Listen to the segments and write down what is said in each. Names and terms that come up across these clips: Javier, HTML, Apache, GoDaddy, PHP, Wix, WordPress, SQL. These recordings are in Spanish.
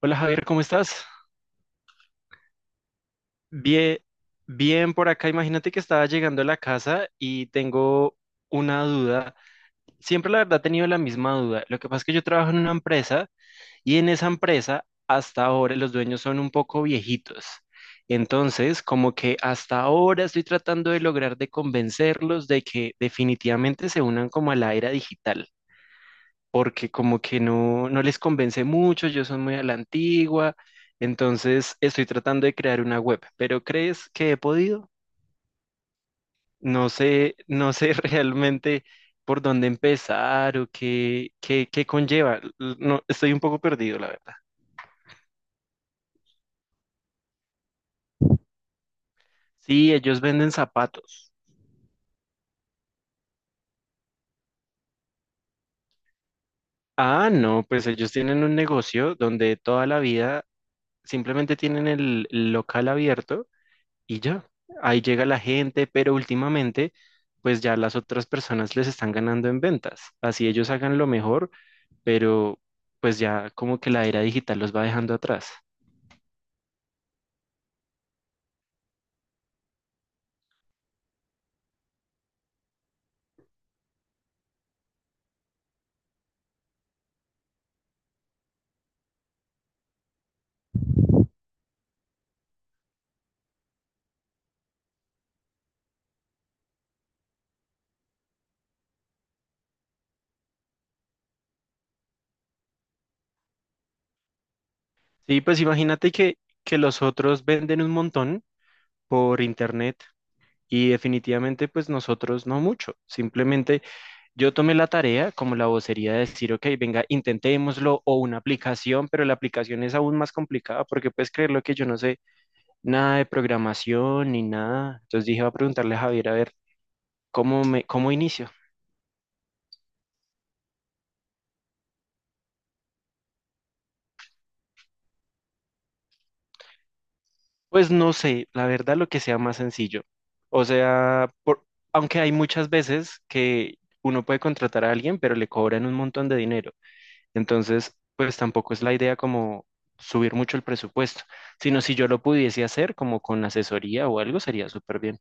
Hola Javier, ¿cómo estás? Bien, bien por acá. Imagínate que estaba llegando a la casa y tengo una duda. Siempre la verdad he tenido la misma duda. Lo que pasa es que yo trabajo en una empresa y en esa empresa hasta ahora los dueños son un poco viejitos. Entonces, como que hasta ahora estoy tratando de lograr de convencerlos de que definitivamente se unan como a la era digital. Porque como que no, no les convence mucho, yo soy muy a la antigua, entonces estoy tratando de crear una web, pero ¿crees que he podido? No sé, no sé realmente por dónde empezar o qué conlleva. No, estoy un poco perdido, la verdad. Sí, ellos venden zapatos. Ah, no, pues ellos tienen un negocio donde toda la vida simplemente tienen el local abierto y ya, ahí llega la gente, pero últimamente, pues ya las otras personas les están ganando en ventas. Así ellos hagan lo mejor, pero pues ya como que la era digital los va dejando atrás. Sí, pues imagínate que los otros venden un montón por internet. Y definitivamente, pues nosotros no mucho. Simplemente yo tomé la tarea como la vocería de decir, ok, venga, intentémoslo o una aplicación, pero la aplicación es aún más complicada porque puedes creer lo que yo no sé nada de programación ni nada. Entonces dije, voy a preguntarle a Javier a ver cómo me, cómo inicio. Pues no sé, la verdad lo que sea más sencillo. O sea, aunque hay muchas veces que uno puede contratar a alguien, pero le cobran un montón de dinero. Entonces, pues tampoco es la idea como subir mucho el presupuesto, sino si yo lo pudiese hacer como con asesoría o algo, sería súper bien.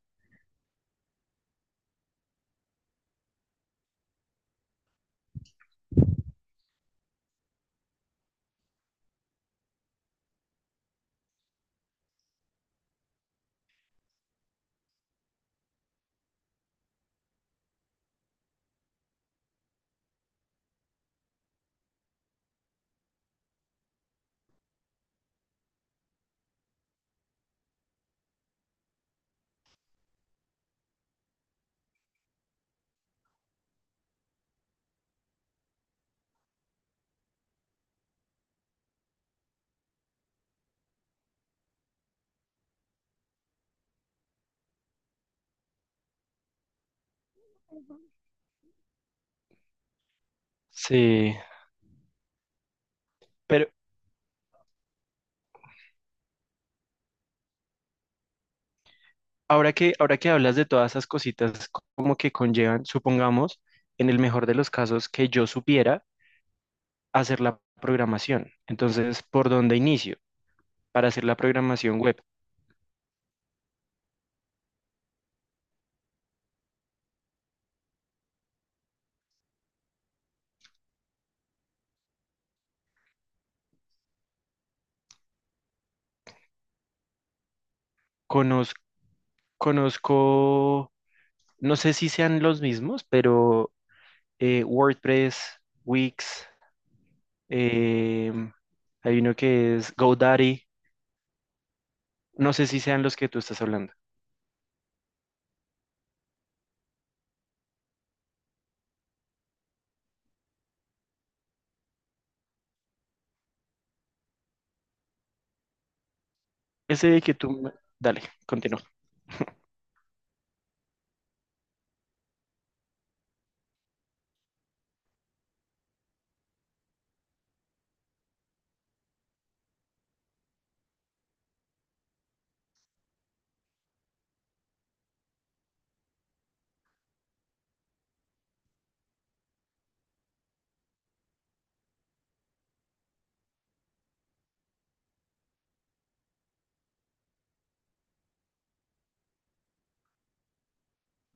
Sí, ahora que hablas de todas esas cositas como que conllevan, supongamos, en el mejor de los casos que yo supiera hacer la programación. Entonces, ¿por dónde inicio para hacer la programación web? Conoz- Conozco, no sé si sean los mismos, pero WordPress, Wix, em, hay uno que es GoDaddy, no sé si sean los que tú estás hablando. Ese que tú, me- Dale, continúa.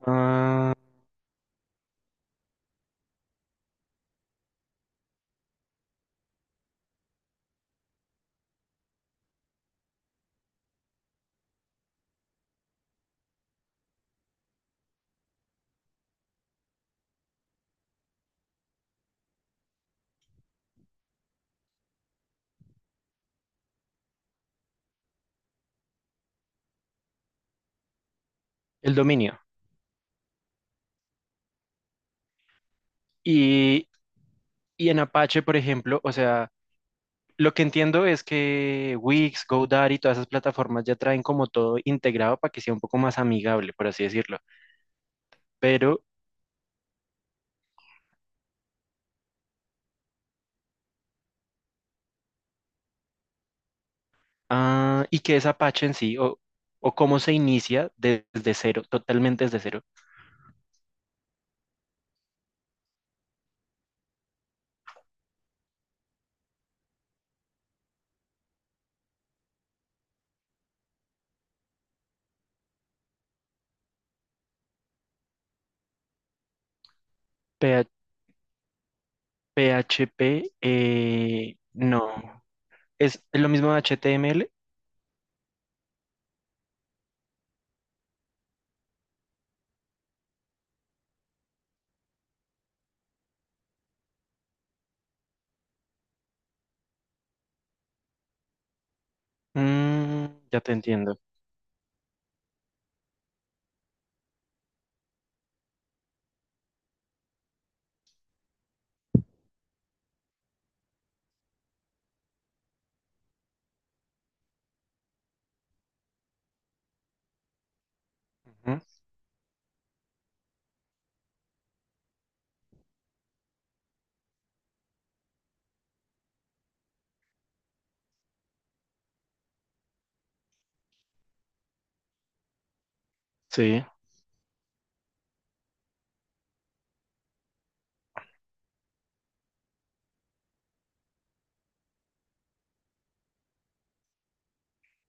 Ah, el dominio. Y en Apache, por ejemplo, o sea, lo que entiendo es que Wix, GoDaddy, todas esas plataformas ya traen como todo integrado para que sea un poco más amigable, por así decirlo. Pero, ah, ¿y qué es Apache en sí? ¿O o cómo se inicia desde cero, totalmente desde cero? P- PHP, no. ¿Es lo mismo de HTML? Mm, ya te entiendo. Ujú. Sí,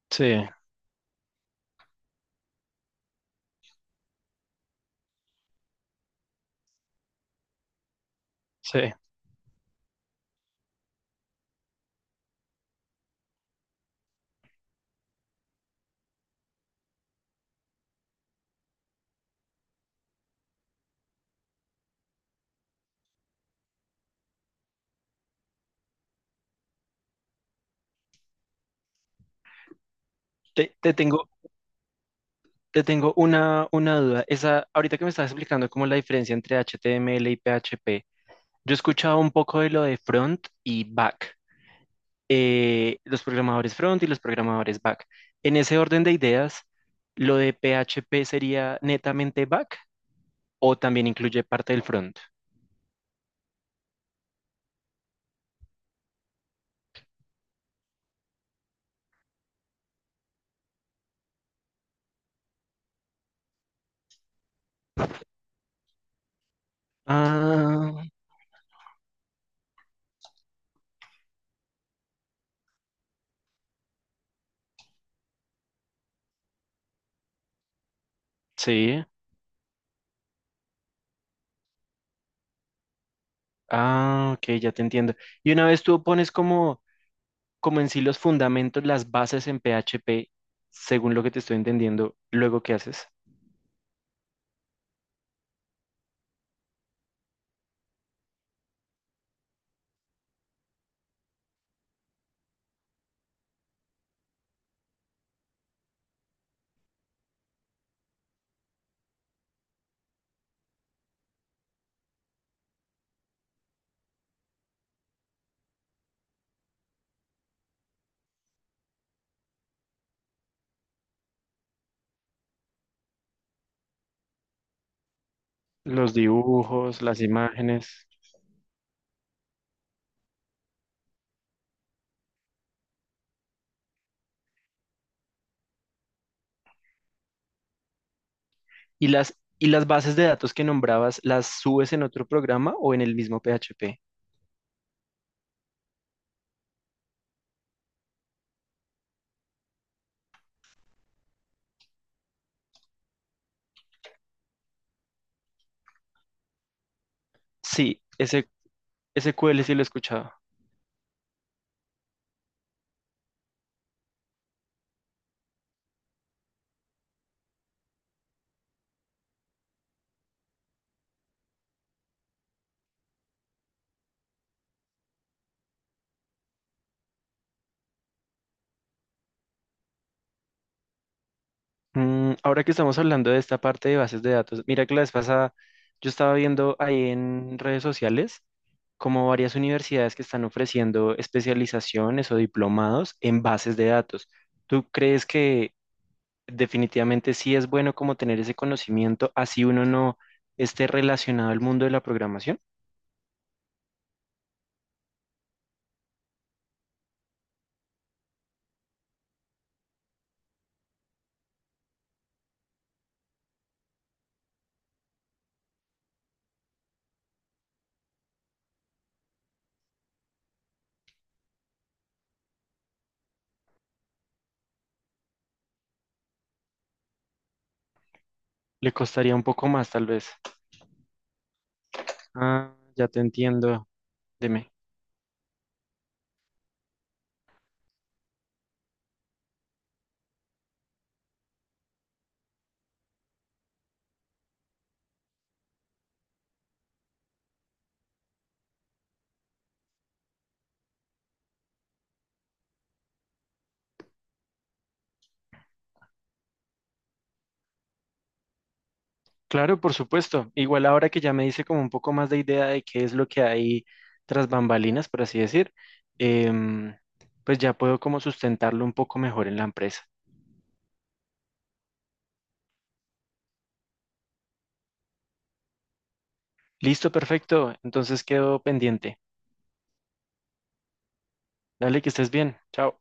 sí, sí. Te, te tengo Te tengo una duda. Esa, ahorita que me estás explicando cómo la diferencia entre HTML y PHP, yo he escuchado un poco de lo de front y back, los programadores front y los programadores back. En ese orden de ideas, ¿lo de PHP sería netamente back o también incluye parte del front? Ah, sí. Ah, ok, ya te entiendo. Y una vez tú pones como como en sí los fundamentos, las bases en PHP, según lo que te estoy entendiendo, luego qué haces, los dibujos, las imágenes y las bases de datos que nombrabas, ¿las subes en otro programa o en el mismo PHP? Sí, ese SQL sí lo he escuchado. Mm, ahora que estamos hablando de esta parte de bases de datos, mira que la vez pasada yo estaba viendo ahí en redes sociales como varias universidades que están ofreciendo especializaciones o diplomados en bases de datos. ¿Tú crees que definitivamente sí es bueno como tener ese conocimiento, así uno no esté relacionado al mundo de la programación? Le costaría un poco más, tal vez. Ah, ya te entiendo. Deme. Claro, por supuesto. Igual ahora que ya me hice como un poco más de idea de qué es lo que hay tras bambalinas, por así decir, em, pues ya puedo como sustentarlo un poco mejor en la empresa. Listo, perfecto. Entonces quedo pendiente. Dale, que estés bien. Chao.